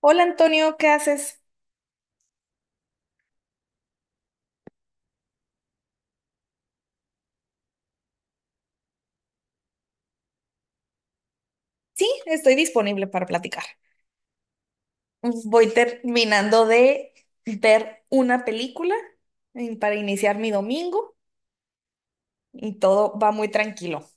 Hola Antonio, ¿qué haces? Sí, estoy disponible para platicar. Voy terminando de ver una película para iniciar mi domingo y todo va muy tranquilo.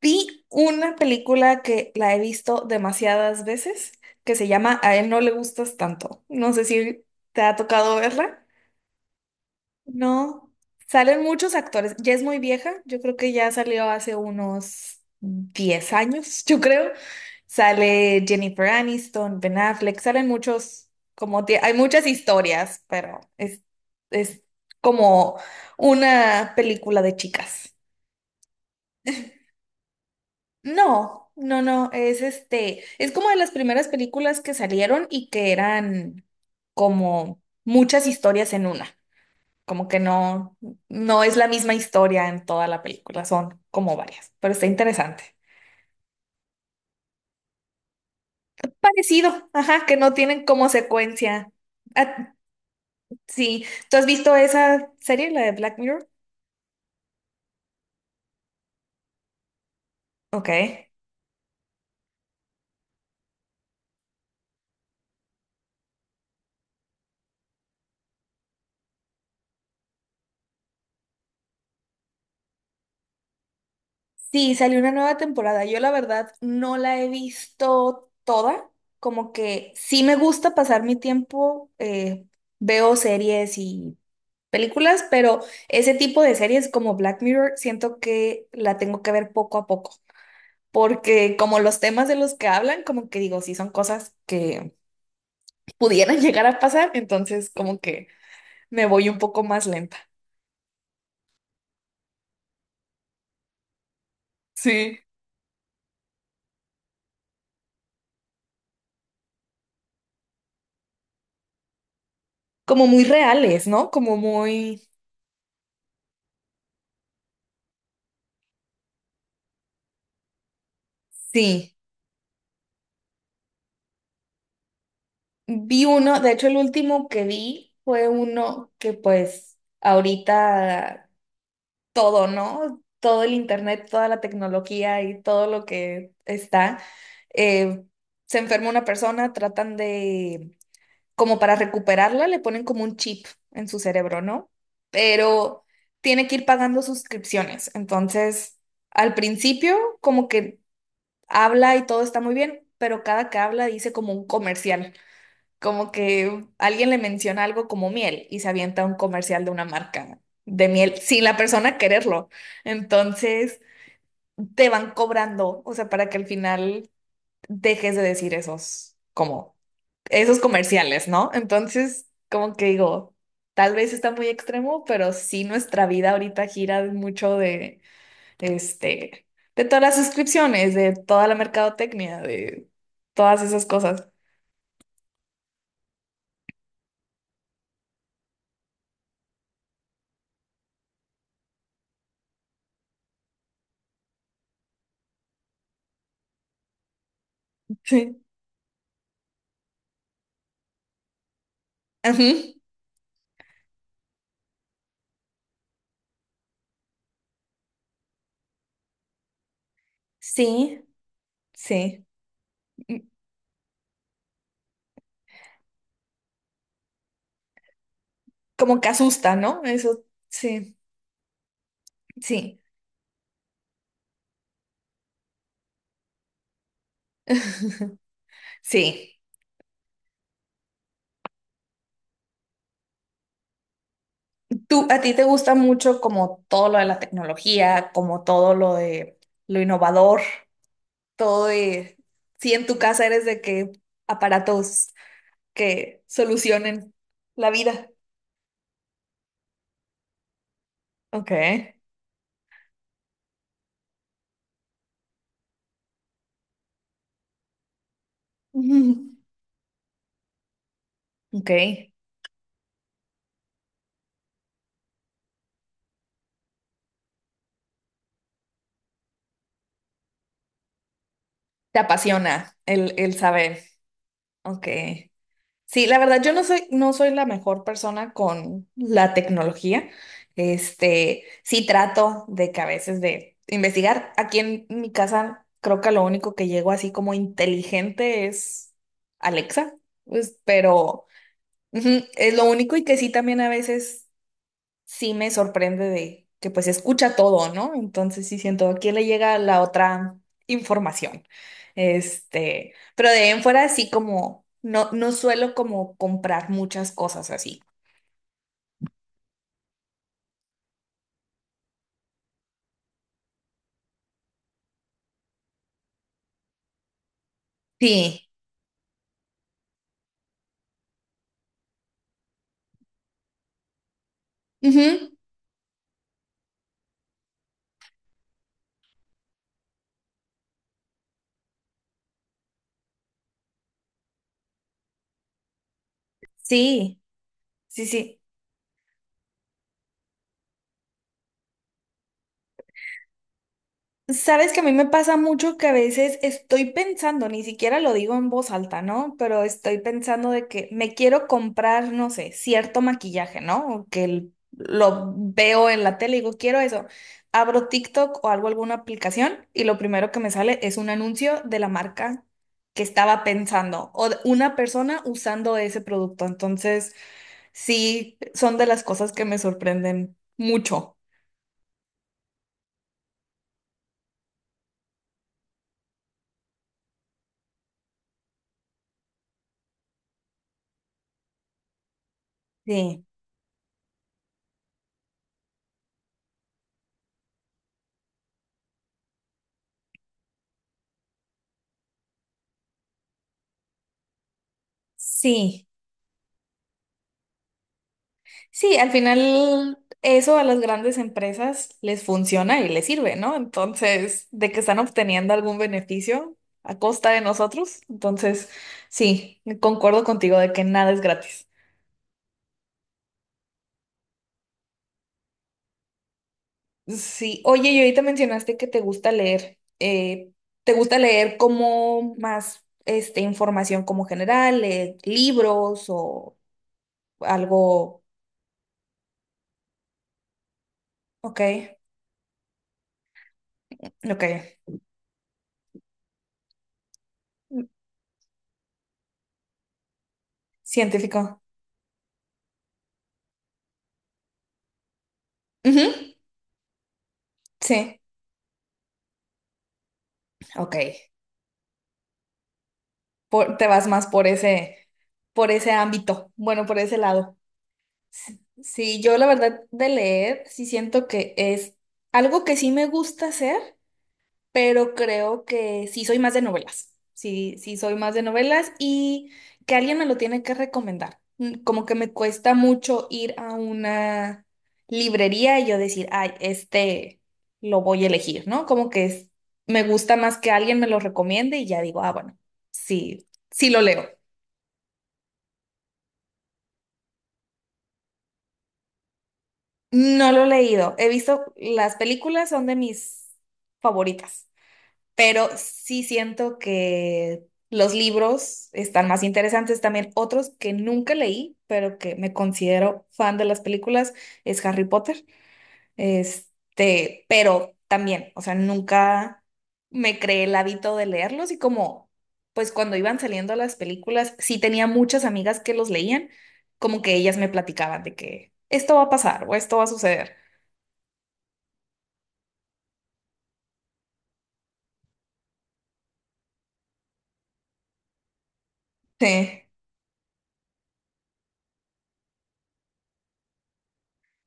Vi una película que la he visto demasiadas veces que se llama A él no le gustas tanto. No sé si te ha tocado verla. No, salen muchos actores. Ya es muy vieja, yo creo que ya salió hace unos 10 años, yo creo. Sale Jennifer Aniston, Ben Affleck, salen muchos, hay muchas historias, pero es como una película de chicas. No, no, no, es es como de las primeras películas que salieron y que eran como muchas historias en una. Como que no, no es la misma historia en toda la película, son como varias, pero está interesante. Parecido, ajá, que no tienen como secuencia. Ah, sí, ¿tú has visto esa serie, la de Black Mirror? Ok. Sí, salió una nueva temporada. Yo la verdad no la he visto toda, como que sí me gusta pasar mi tiempo, veo series y películas, pero ese tipo de series como Black Mirror siento que la tengo que ver poco a poco. Porque como los temas de los que hablan, como que digo, sí son cosas que pudieran llegar a pasar, entonces como que me voy un poco más lenta. Sí. Como muy reales, ¿no? Como muy... Sí, vi uno, de hecho el último que vi fue uno que pues ahorita todo, ¿no? Todo el internet, toda la tecnología y todo lo que está, eh, se enferma una persona, tratan de como para recuperarla, le ponen como un chip en su cerebro, ¿no? Pero tiene que ir pagando suscripciones. Entonces, al principio, como que habla y todo está muy bien, pero cada que habla dice como un comercial, como que alguien le menciona algo como miel y se avienta un comercial de una marca de miel sin la persona quererlo. Entonces, te van cobrando, o sea, para que al final dejes de decir esos comerciales, ¿no? Entonces, como que digo, tal vez está muy extremo, pero sí nuestra vida ahorita gira mucho de, este, de todas las suscripciones, de toda la mercadotecnia, de todas esas cosas. Sí. Ujú. Sí, sí. Mm, como que asusta, ¿no? Eso, sí, sí, sí. ¿Tú, a ti te gusta mucho como todo lo de la tecnología, como todo lo de lo innovador? Todo de si en tu casa eres de que aparatos que solucionen la vida. Ok. Ujú. Ok. Te apasiona el saber. Ok. Sí, la verdad, yo no soy, no soy la mejor persona con la tecnología. Sí trato de que a veces de investigar. Aquí en mi casa creo que lo único que llego así como inteligente es Alexa, pues, pero Ujú, es lo único y que sí también a veces sí me sorprende de que pues escucha todo, ¿no? Entonces sí siento, ¿a quién le llega la otra información? Pero de ahí en fuera sí como, no, no suelo como comprar muchas cosas así. Sí. Ujú, sí, sí, sí. Sabes que a mí me pasa mucho que a veces estoy pensando, ni siquiera lo digo en voz alta, ¿no? Pero estoy pensando de que me quiero comprar, no sé, cierto maquillaje, ¿no? O lo veo en la tele y digo, quiero eso. Abro TikTok o hago alguna aplicación y lo primero que me sale es un anuncio de la marca que estaba pensando o de una persona usando ese producto. Entonces, sí, son de las cosas que me sorprenden mucho. Sí. Sí. Sí, al final eso a las grandes empresas les funciona y les sirve, ¿no? Entonces, de que están obteniendo algún beneficio a costa de nosotros. Entonces, sí, concuerdo contigo de que nada es gratis. Sí, oye, y ahorita mencionaste que te gusta leer. ¿Te gusta leer como más información como general, libros o algo? Ok, ok. Científico. Ujú, sí, ok. Te vas más por ese ámbito, bueno, por ese lado. Sí, yo la verdad de leer, sí siento que es algo que sí me gusta hacer, pero creo que sí soy más de novelas. Sí, sí soy más de novelas y que alguien me lo tiene que recomendar. Mm, como que me cuesta mucho ir a una librería y yo decir, ay, lo voy a elegir, ¿no? Me gusta más que alguien me lo recomiende y ya digo, ah, bueno, sí, sí lo leo. No lo he leído. He visto, las películas son de mis favoritas, pero sí siento que los libros están más interesantes. También otros que nunca leí, pero que me considero fan de las películas, es Harry Potter. Pero también, o sea, nunca me creé el hábito de leerlos y como, pues cuando iban saliendo las películas, sí tenía muchas amigas que los leían, como que ellas me platicaban de que esto va a pasar o esto va a suceder. Sí,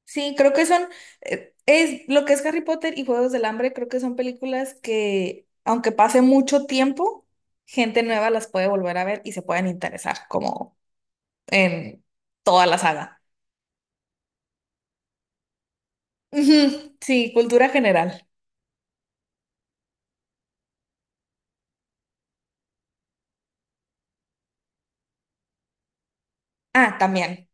sí, es lo que es Harry Potter y Juegos del Hambre, creo que son películas que, aunque pase mucho tiempo, gente nueva las puede volver a ver y se pueden interesar, como en toda la saga. Ujú, sí, cultura general. Ah, también.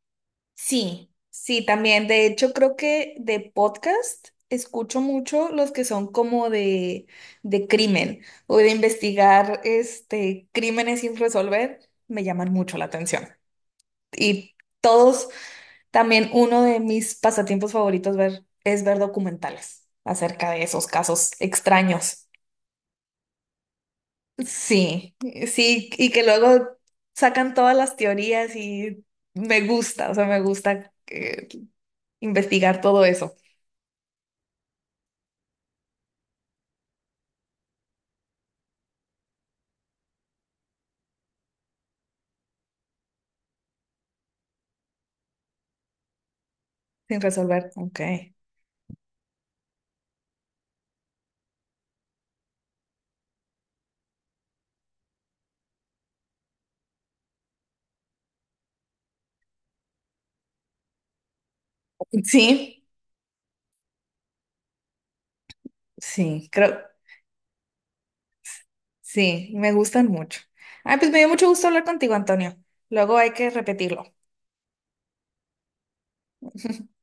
Sí, sí, también. De hecho, creo que de podcast escucho mucho los que son como de crimen o de investigar crímenes sin resolver, me llaman mucho la atención. Y todos, también uno de mis pasatiempos favoritos es ver documentales acerca de esos casos extraños. Sí, sí, y que luego sacan todas las teorías y me gusta, o sea, me gusta investigar todo eso sin resolver. Ok. Sí, sí, creo, sí, me gustan mucho. Ay, pues me dio mucho gusto hablar contigo, Antonio. Luego hay que repetirlo.